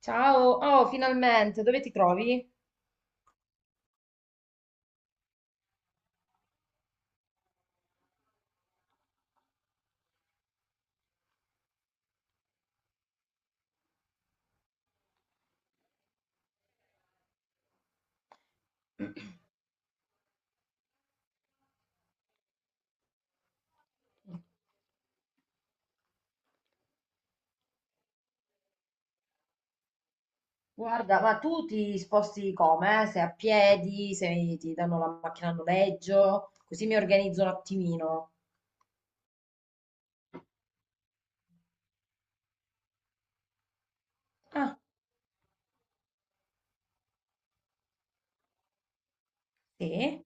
Ciao, oh, finalmente, dove ti trovi? Guarda, ma tu ti sposti come? Eh? Se a piedi, se ti danno la macchina a noleggio, così mi organizzo un attimino. Ah, sì?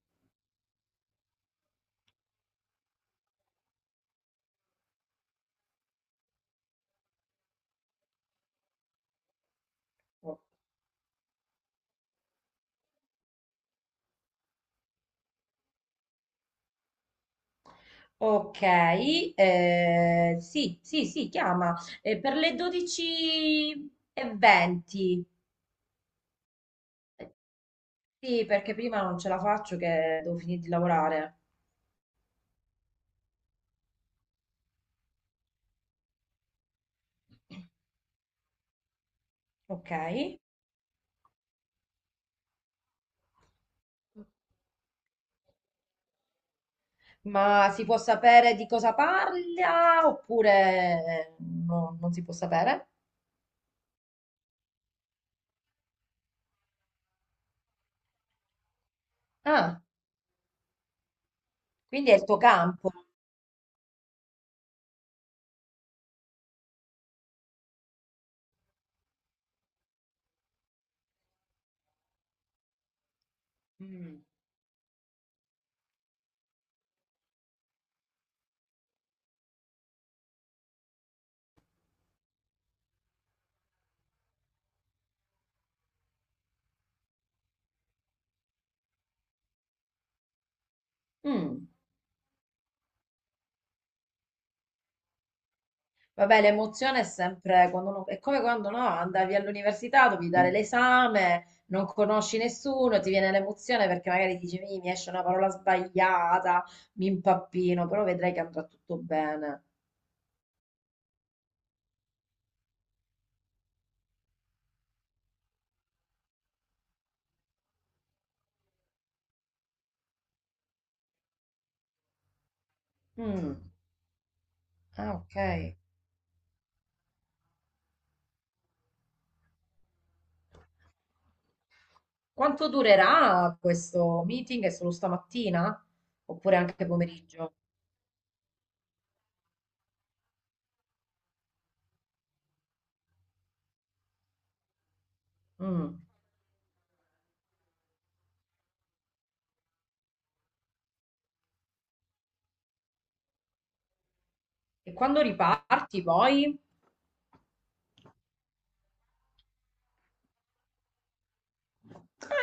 Oh, ok, sì, sì, sì, chiama. Per le 12:20. Eh, Sì, perché prima non ce la faccio che devo finire di lavorare. Ok. Ma si può sapere di cosa parla oppure no, non si può sapere? Ah, quindi è il tuo campo. Mm. Mm. Vabbè, l'emozione è sempre quando è come quando, no, andavi all'università, dovevi dare l'esame, non conosci nessuno, ti viene l'emozione perché magari dici: "Mi esce una parola sbagliata, mi impappino", però vedrai che andrà tutto bene. Mm. Ah, ok. Quanto durerà questo meeting? È solo stamattina? Oppure anche pomeriggio? Mm. E quando riparti poi?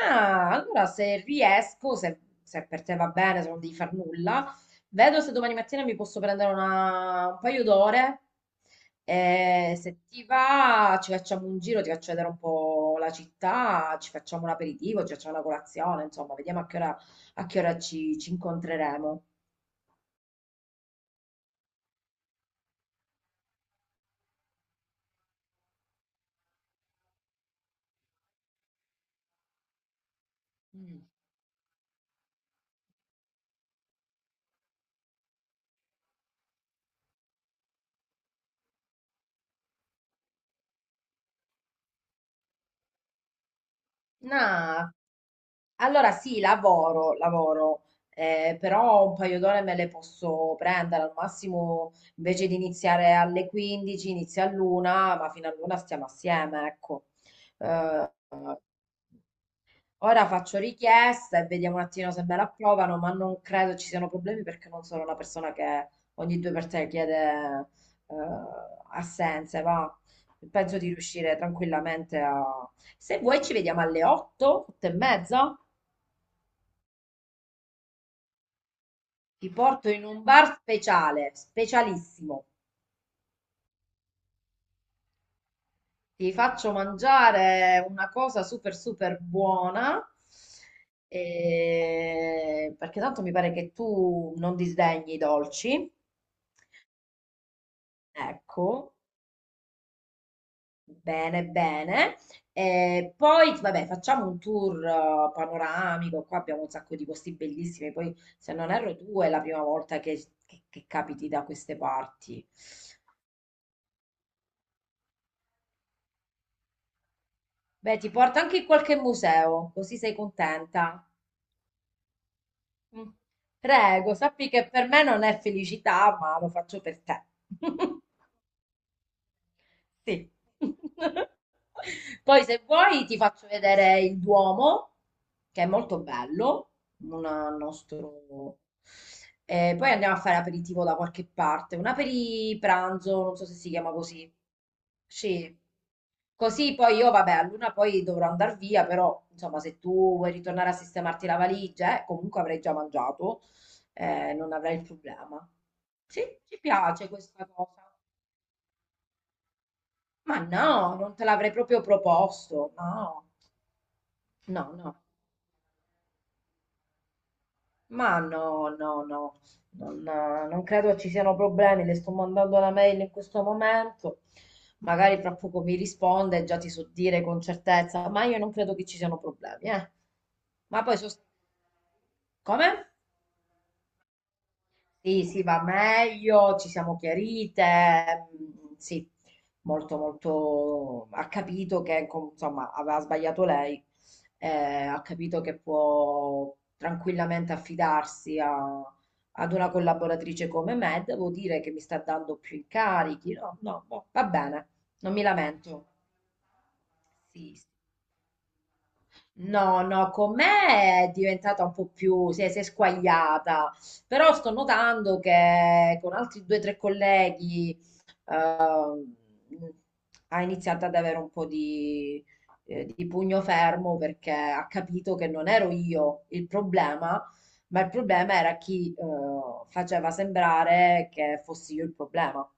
Ah, allora se riesco, se per te va bene, se non devi far nulla, vedo se domani mattina mi posso prendere un paio d'ore. E se ti va, ci facciamo un giro, ti faccio vedere un po' la città, ci facciamo un aperitivo, ci facciamo una colazione, insomma, vediamo a che ora ci incontreremo. Mm. No, allora sì, lavoro, lavoro, però un paio d'ore me le posso prendere, al massimo invece di iniziare alle 15, inizia all'una, ma fino all'una stiamo assieme, ecco. Eh, ora faccio richiesta e vediamo un attimo se me la approvano, ma non credo ci siano problemi perché non sono una persona che ogni due per tre chiede eh, assenze, va. Penso di riuscire tranquillamente a... Se vuoi ci vediamo alle 8, 8 e mezza. Ti porto in un bar speciale, specialissimo. Ti faccio mangiare una cosa super super buona. Perché tanto mi pare che tu non disdegni i dolci. Ecco, bene, bene. E poi, vabbè, facciamo un tour panoramico. Qua abbiamo un sacco di posti bellissimi. Poi, se non erro, tu è la prima volta che capiti da queste parti. Beh, ti porto anche in qualche museo, così sei contenta. Mm. Prego, sappi che per me non è felicità, ma lo faccio per te. Sì. Poi se vuoi ti faccio vedere il Duomo, che è molto bello, una nostro... E poi andiamo a fare aperitivo da qualche parte, un pranzo, non so se si chiama così. Sì. Così poi io, vabbè, a luna poi dovrò andare via, però insomma se tu vuoi ritornare a sistemarti la valigia, comunque avrai già mangiato, non avrai il problema. Sì, ci piace questa cosa. Ma no, non te l'avrei proprio proposto. No, no, no. Ma no, no, no. Non, non credo ci siano problemi. Le sto mandando la mail in questo momento. Magari fra poco mi risponde e già ti so dire con certezza. Ma io non credo che ci siano problemi, eh. Ma poi come? Sì, sì, va meglio, ci siamo chiarite, mm, sì, molto, molto, ha capito che, insomma, aveva sbagliato lei, ha capito che può tranquillamente affidarsi ad una collaboratrice come me, devo dire che mi sta dando più incarichi, no, no, no, va bene, non mi lamento. Sì, sì. No, no, con me è diventata un po' più, si è squagliata, però sto notando che con altri due o tre colleghi ehm, ha iniziato ad avere un po' di pugno fermo perché ha capito che non ero io il problema, ma il problema era chi faceva sembrare che fossi io il problema.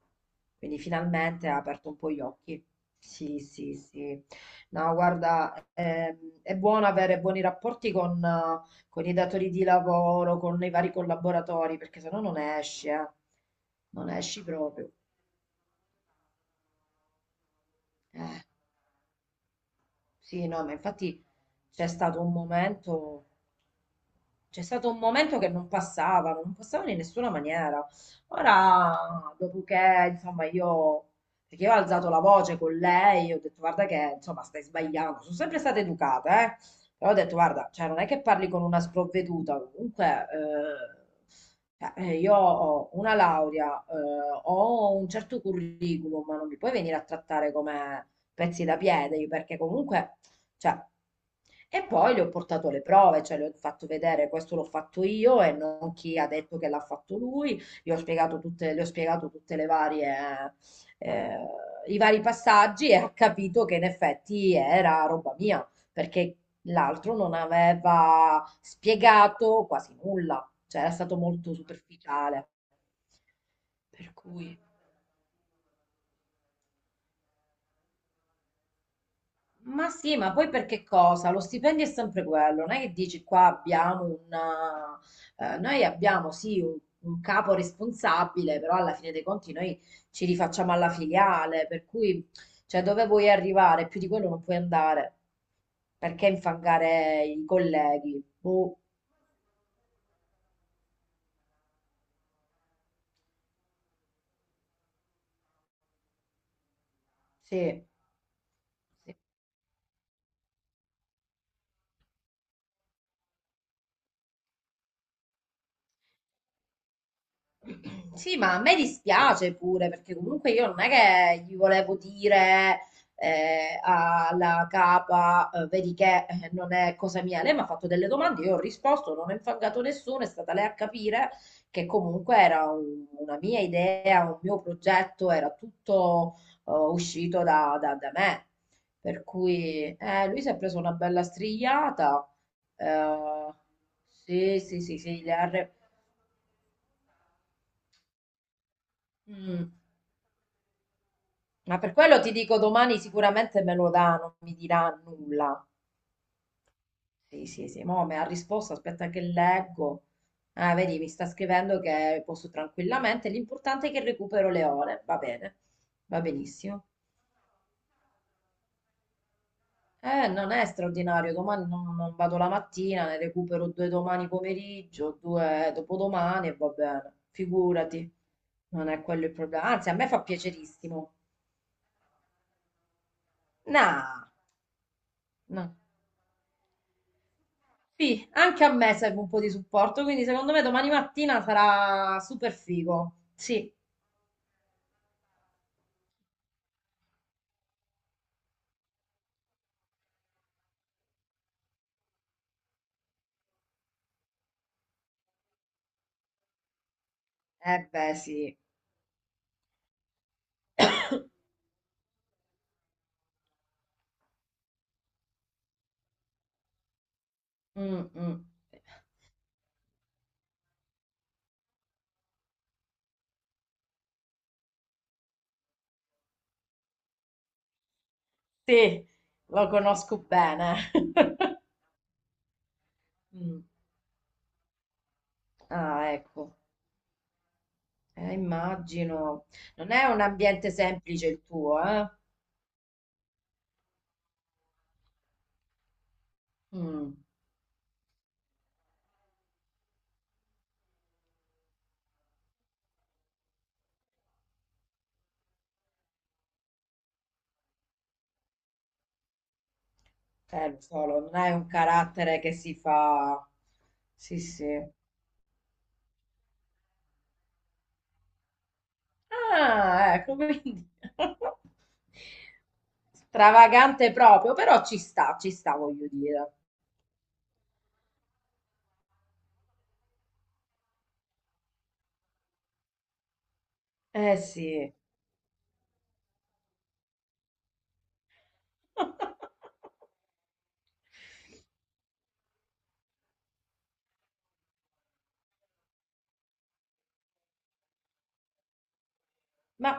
Quindi finalmente ha aperto un po' gli occhi. Sì, sì, sì. No, guarda, è buono avere buoni rapporti con i datori di lavoro, con i vari collaboratori, perché sennò non esci, eh. Non esci proprio. Eh, sì, no, ma infatti c'è stato un momento. C'è stato un momento che non passavano, non passavano in nessuna maniera. Ora, dopo che, insomma, io, perché io ho alzato la voce con lei, ho detto, guarda che, insomma, stai sbagliando. Sono sempre stata educata, eh. Però ho detto, guarda, cioè, non è che parli con una sprovveduta. Comunque, cioè, io ho una laurea, ho un certo curriculum, ma non mi puoi venire a trattare come pezzi da piede, perché comunque... Cioè, e poi le ho portato le prove, cioè le ho fatto vedere questo l'ho fatto io e non chi ha detto che l'ha fatto lui, gli ho spiegato tutte, le ho spiegato tutte le varie, eh, eh, i vari passaggi e ha capito che in effetti era roba mia, perché l'altro non aveva spiegato quasi nulla, cioè era stato molto superficiale. Per cui... Ma sì, ma poi perché cosa? Lo stipendio è sempre quello, non è che dici qua abbiamo una... noi abbiamo sì un capo responsabile, però alla fine dei conti noi ci rifacciamo alla filiale, per cui cioè, dove vuoi arrivare? Più di quello non puoi andare. Perché infangare i colleghi? Boh, sì. Sì. Sì, ma a me dispiace pure perché comunque io non è che gli volevo dire alla capa, vedi che non è cosa mia. Lei mi ha fatto delle domande, io ho risposto, non ho infangato nessuno, è stata lei a capire che comunque era una mia idea, un mio progetto, era tutto uscito da me. Per cui lui si è preso una bella strigliata. Eh, sì, sì, sì, sì, le ha re- Mm. Ma per quello ti dico domani sicuramente me lo dà, non mi dirà nulla. Sì, sì, sì, mo me ha risposto, aspetta che leggo. Ah, vedi, mi sta scrivendo che posso tranquillamente, l'importante è che recupero le ore, va bene, va benissimo. Non è straordinario, domani non, non vado la mattina, ne recupero due domani pomeriggio, due dopodomani e va bene, figurati, non è quello il problema. Anzi, a me fa piacerissimo. No, no. Sì, anche a me serve un po' di supporto, quindi secondo me domani mattina sarà super figo. Sì. Eh beh, sì. Mm, mm. Sì, lo conosco bene. Mm. Ah, ecco. Immagino. Non è un ambiente semplice il tuo, eh? Mm. Lo so, non hai un carattere che si fa... Sì, sì. Ah, ecco, quindi stravagante proprio, però ci sta, voglio dire. Eh sì. Ma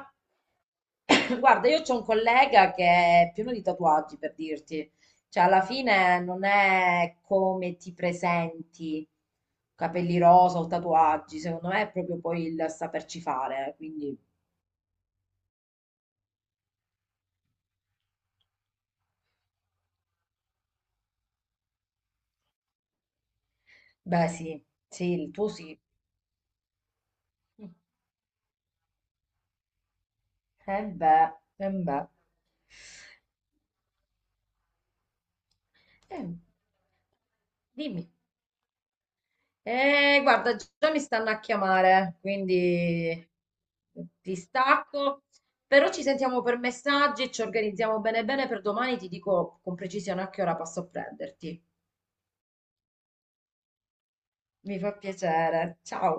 guarda, io c'ho un collega che è pieno di tatuaggi, per dirti. Cioè, alla fine non è come ti presenti, capelli rosa o tatuaggi, secondo me è proprio poi il saperci fare, quindi beh sì, sì, il tuo sì. Eh beh, eh beh. Eh, dimmi. Guarda, già mi stanno a chiamare, quindi ti stacco. Però ci sentiamo per messaggi, ci organizziamo bene bene per domani, ti dico con precisione a che ora passo a prenderti. Mi fa piacere. Ciao.